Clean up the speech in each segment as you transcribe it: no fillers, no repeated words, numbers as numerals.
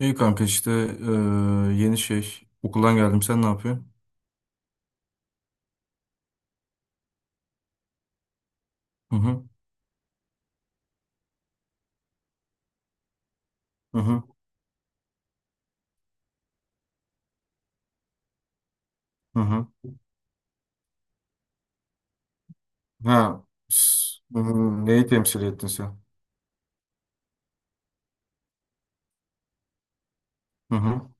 İyi kanka işte eee, yeni şey okuldan geldim sen ne yapıyorsun? Hı hı hı hı hı hı. Ha. Hı hı. Neyi temsil ettin sen? Hı hı.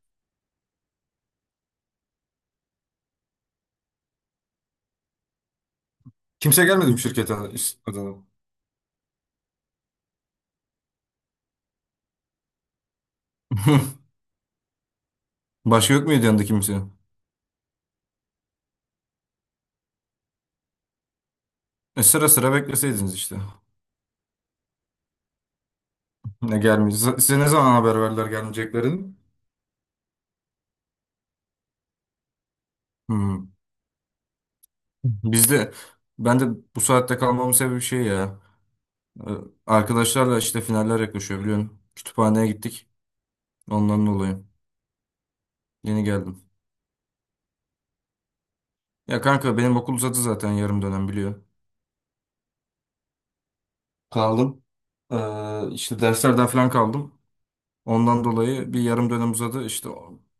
Kimse gelmedi mi şirkete adına? Başka yok muydu yanında kimse? E sıra sıra bekleseydiniz işte. Ne gelmiyor. Size ne zaman haber verdiler gelmeyeceklerini? Hı. Bizde ben de bu saatte kalmamın sebebi şey ya. e, Arkadaşlarla işte finaller yaklaşıyor biliyorsun. Kütüphaneye gittik. Ondan dolayı. Yeni geldim. Ya kanka benim okul uzadı zaten yarım dönem biliyor. Kaldım. İşte derslerden falan kaldım. Ondan dolayı bir yarım dönem uzadı. İşte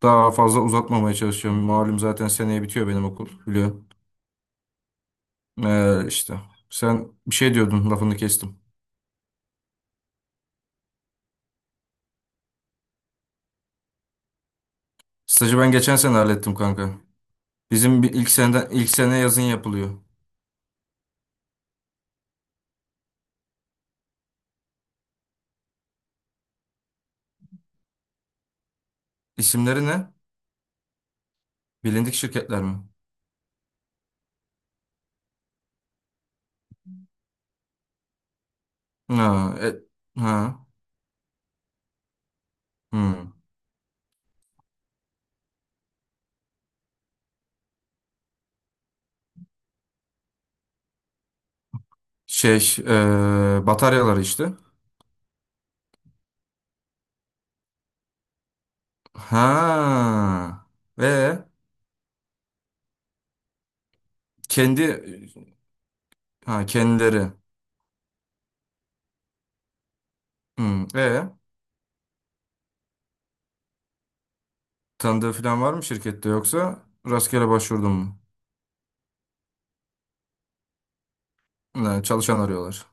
daha fazla uzatmamaya çalışıyorum. Malum zaten seneye bitiyor benim okul biliyor. İşte sen bir şey diyordun lafını kestim. Stajı ben geçen sene hallettim kanka. Bizim bir ilk seneden ilk sene yazın yapılıyor. İsimleri ne? Bilindik şirketler mi? Ha, ha, hmm. Şey, bataryaları işte. Ha. Ve kendi, ha, kendileri. Hmm. E tanıdığı falan var mı şirkette yoksa rastgele başvurdun mu? Ha, çalışan arıyorlar.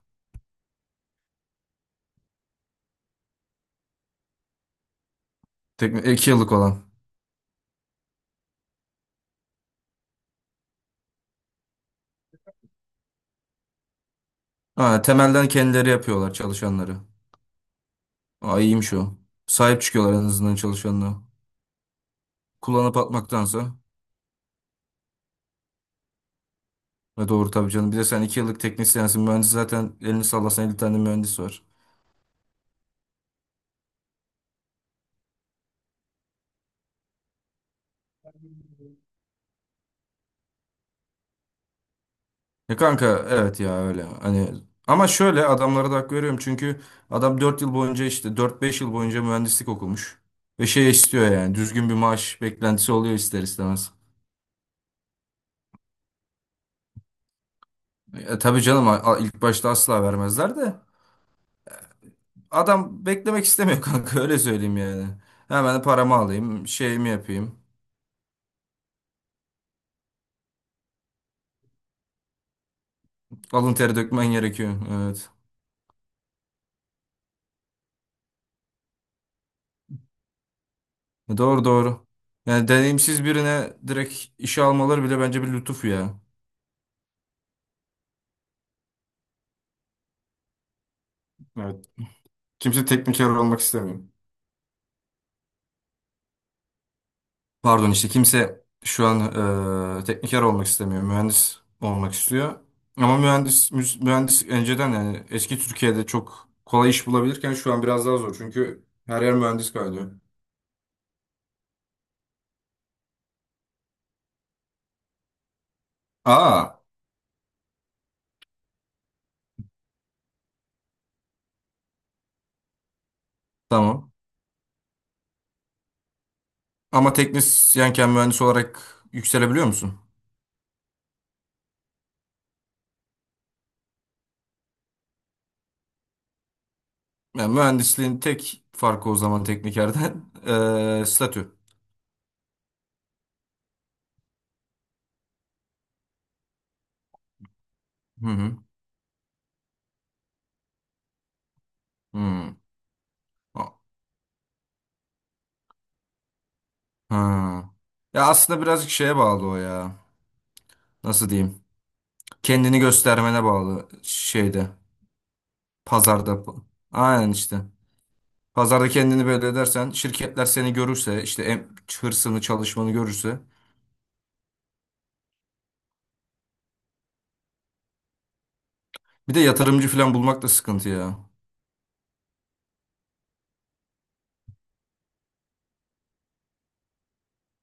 2 yıllık olan. Ha, temelden kendileri yapıyorlar çalışanları. Aa, iyiymiş o. Sahip çıkıyorlar en azından çalışanına. Kullanıp atmaktansa. Ve doğru tabii canım. Bir de sen 2 yıllık teknisyensin. Mühendis zaten elini sallasan 50 tane mühendis var. Ya kanka evet ya öyle hani ama şöyle adamlara da hak veriyorum çünkü adam 4 yıl boyunca işte 4-5 yıl boyunca mühendislik okumuş ve şey istiyor yani düzgün bir maaş beklentisi oluyor ister istemez. E, tabii canım ilk başta asla vermezler de adam beklemek istemiyor kanka öyle söyleyeyim yani. Hemen paramı alayım şeyimi yapayım alın teri dökmen gerekiyor evet. E, doğru doğru yani deneyimsiz birine direkt işe almaları bile bence bir lütuf ya. Evet. Kimse tekniker olmak istemiyor. Pardon işte kimse şu an tekniker olmak istemiyor. Mühendis olmak istiyor. Ama mühendis mühendis önceden yani eski Türkiye'de çok kolay iş bulabilirken şu an biraz daha zor. Çünkü her yer mühendis kaynıyor. Aa tamam. Ama teknisyenken mühendis olarak yükselebiliyor musun? Yani mühendisliğin tek farkı o zaman teknikerden statü. Hı hı. Hı. A- Ha. Ya aslında birazcık şeye bağlı o ya. Nasıl diyeyim? Kendini göstermene bağlı şeyde. Pazarda. Aynen işte. Pazarda kendini belli edersen şirketler seni görürse işte hırsını çalışmanı görürse. Bir de yatırımcı falan bulmak da sıkıntı ya.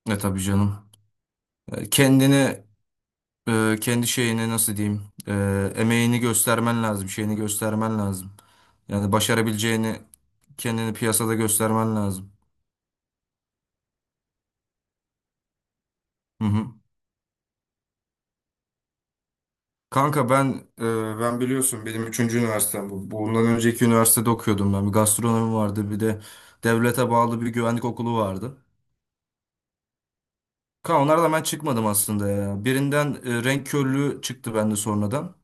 E tabii canım. Kendini kendi şeyini nasıl diyeyim, e, emeğini göstermen lazım şeyini göstermen lazım. Yani başarabileceğini kendini piyasada göstermen lazım. Hı hı. Kanka ben biliyorsun benim üçüncü üniversitem bu. Bundan önceki üniversitede okuyordum ben. Bir gastronomi vardı, bir de devlete bağlı bir güvenlik okulu vardı. Kanka onlardan ben çıkmadım aslında ya. Birinden renk körlüğü çıktı bende sonradan.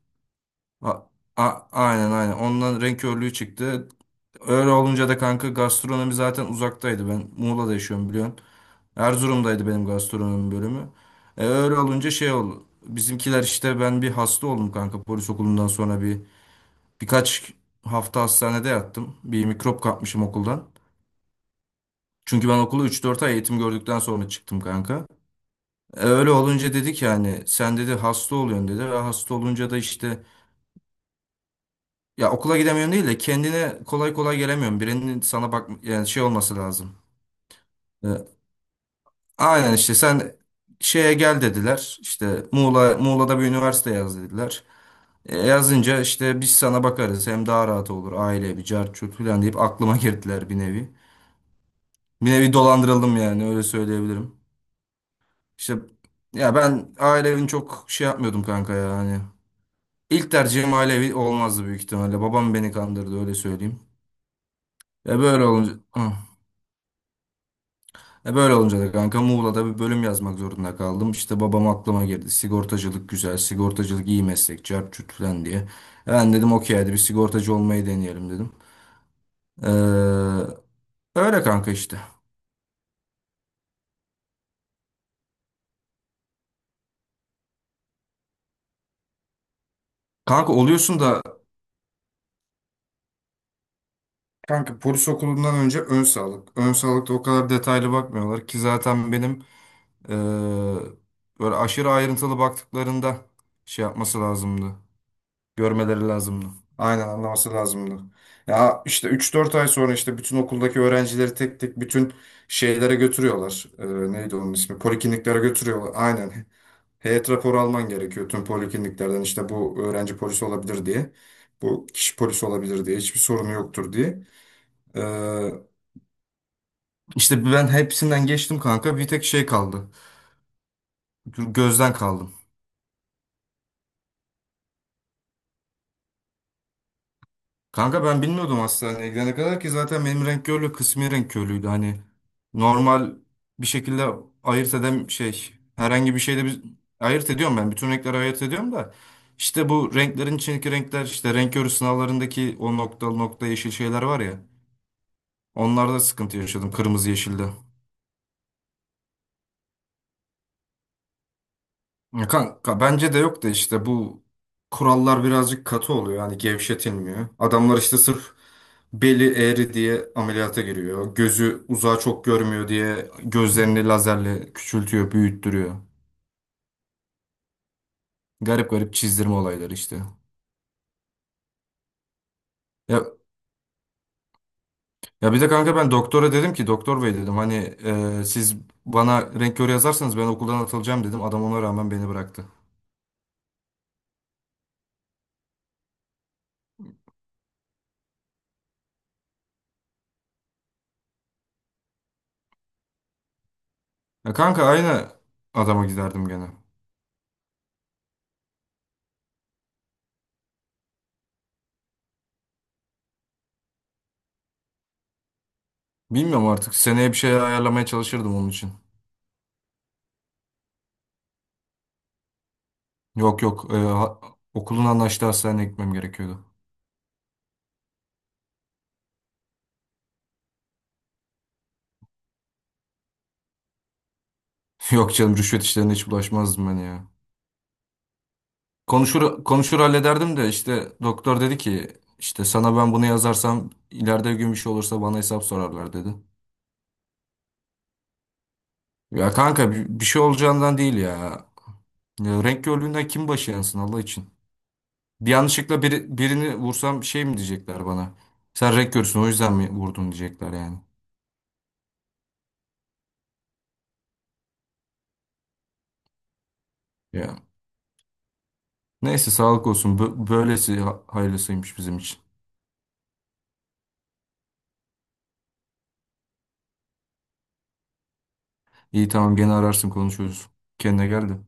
A, aynen aynen. Ondan renk körlüğü çıktı. Öyle olunca da kanka gastronomi zaten uzaktaydı. Ben Muğla'da yaşıyorum biliyorsun. Erzurum'daydı benim gastronomi bölümü. E, öyle olunca şey oldu. Bizimkiler işte ben bir hasta oldum kanka polis okulundan sonra birkaç hafta hastanede yattım. Bir mikrop kapmışım okuldan. Çünkü ben okulu 3-4 ay eğitim gördükten sonra çıktım kanka. E, öyle olunca dedik yani sen dedi hasta oluyorsun dedi. Ve hasta olunca da işte ya okula gidemiyorsun değil de kendine kolay kolay gelemiyorsun. Birinin sana bak yani şey olması lazım. E, aynen işte sen şeye gel dediler. İşte Muğla'da bir üniversite yaz dediler. E, yazınca işte biz sana bakarız hem daha rahat olur aile bir cart curt falan deyip aklıma girdiler bir nevi. Bir nevi dolandırıldım yani öyle söyleyebilirim. İşte ya ben aile çok şey yapmıyordum kanka ya hani. İlk tercihim ailevi olmazdı büyük ihtimalle. Babam beni kandırdı öyle söyleyeyim. E böyle olunca hı. E böyle olunca da kanka Muğla'da bir bölüm yazmak zorunda kaldım. İşte babam aklıma girdi. Sigortacılık güzel, sigortacılık iyi meslek, çarçurt falan diye. E ben dedim okey hadi bir sigortacı olmayı deneyelim dedim. Ee, öyle kanka işte. Kanka oluyorsun da. Kanka polis okulundan önce ön sağlık. Ön sağlıkta o kadar detaylı bakmıyorlar ki zaten benim eee, böyle aşırı ayrıntılı baktıklarında şey yapması lazımdı. Görmeleri lazımdı. Aynen anlaması lazımdı. Ya işte 3-4 ay sonra işte bütün okuldaki öğrencileri tek tek bütün şeylere götürüyorlar. Neydi onun ismi? Polikliniklere götürüyorlar. Aynen. Heyet raporu alman gerekiyor tüm polikliniklerden işte bu öğrenci polisi olabilir diye. Bu kişi polisi olabilir diye. Hiçbir sorunu yoktur diye. İşte ben hepsinden geçtim kanka. Bir tek şey kaldı. Gözden kaldım. Kanka ben bilmiyordum hastaneye gidene kadar ki zaten benim renk körlüğü kısmi renk körlüğüydü. Hani normal bir şekilde ayırt edem şey herhangi bir şeyde bir ayırt ediyorum ben. Bütün renkleri ayırt ediyorum da işte bu renklerin içindeki renkler işte renk körü sınavlarındaki o noktalı nokta yeşil şeyler var ya. Onlarda sıkıntı yaşadım kırmızı yeşilde. Ya, kanka bence de yok da işte bu kurallar birazcık katı oluyor. Hani gevşetilmiyor. Adamlar işte sırf beli eğri diye ameliyata giriyor. Gözü uzağa çok görmüyor diye gözlerini lazerle küçültüyor, büyüttürüyor. Garip garip çizdirme olayları işte. Ya, ya bir de kanka ben doktora dedim ki doktor bey dedim hani, siz bana renk körü yazarsanız ben okuldan atılacağım dedim. Adam ona rağmen beni bıraktı. Ya kanka aynı adama giderdim gene. Bilmiyorum artık seneye bir şey ayarlamaya çalışırdım onun için. Yok yok. Okulun anlaştığı hastaneye gitmem gerekiyordu. Yok canım rüşvet işlerine hiç bulaşmazdım ben ya. Konuşur konuşur hallederdim de işte doktor dedi ki işte sana ben bunu yazarsam ileride bir gün bir şey olursa bana hesap sorarlar dedi. Ya kanka bir şey olacağından değil ya. Ya renk körlüğünden kim başı yansın Allah için. Bir yanlışlıkla birini vursam şey mi diyecekler bana? Sen renk görsün o yüzden mi vurdun diyecekler yani. Ya. Neyse sağlık olsun. Böylesi hayırlısıymış bizim için. İyi tamam gene ararsın konuşuruz. Kendine gel de.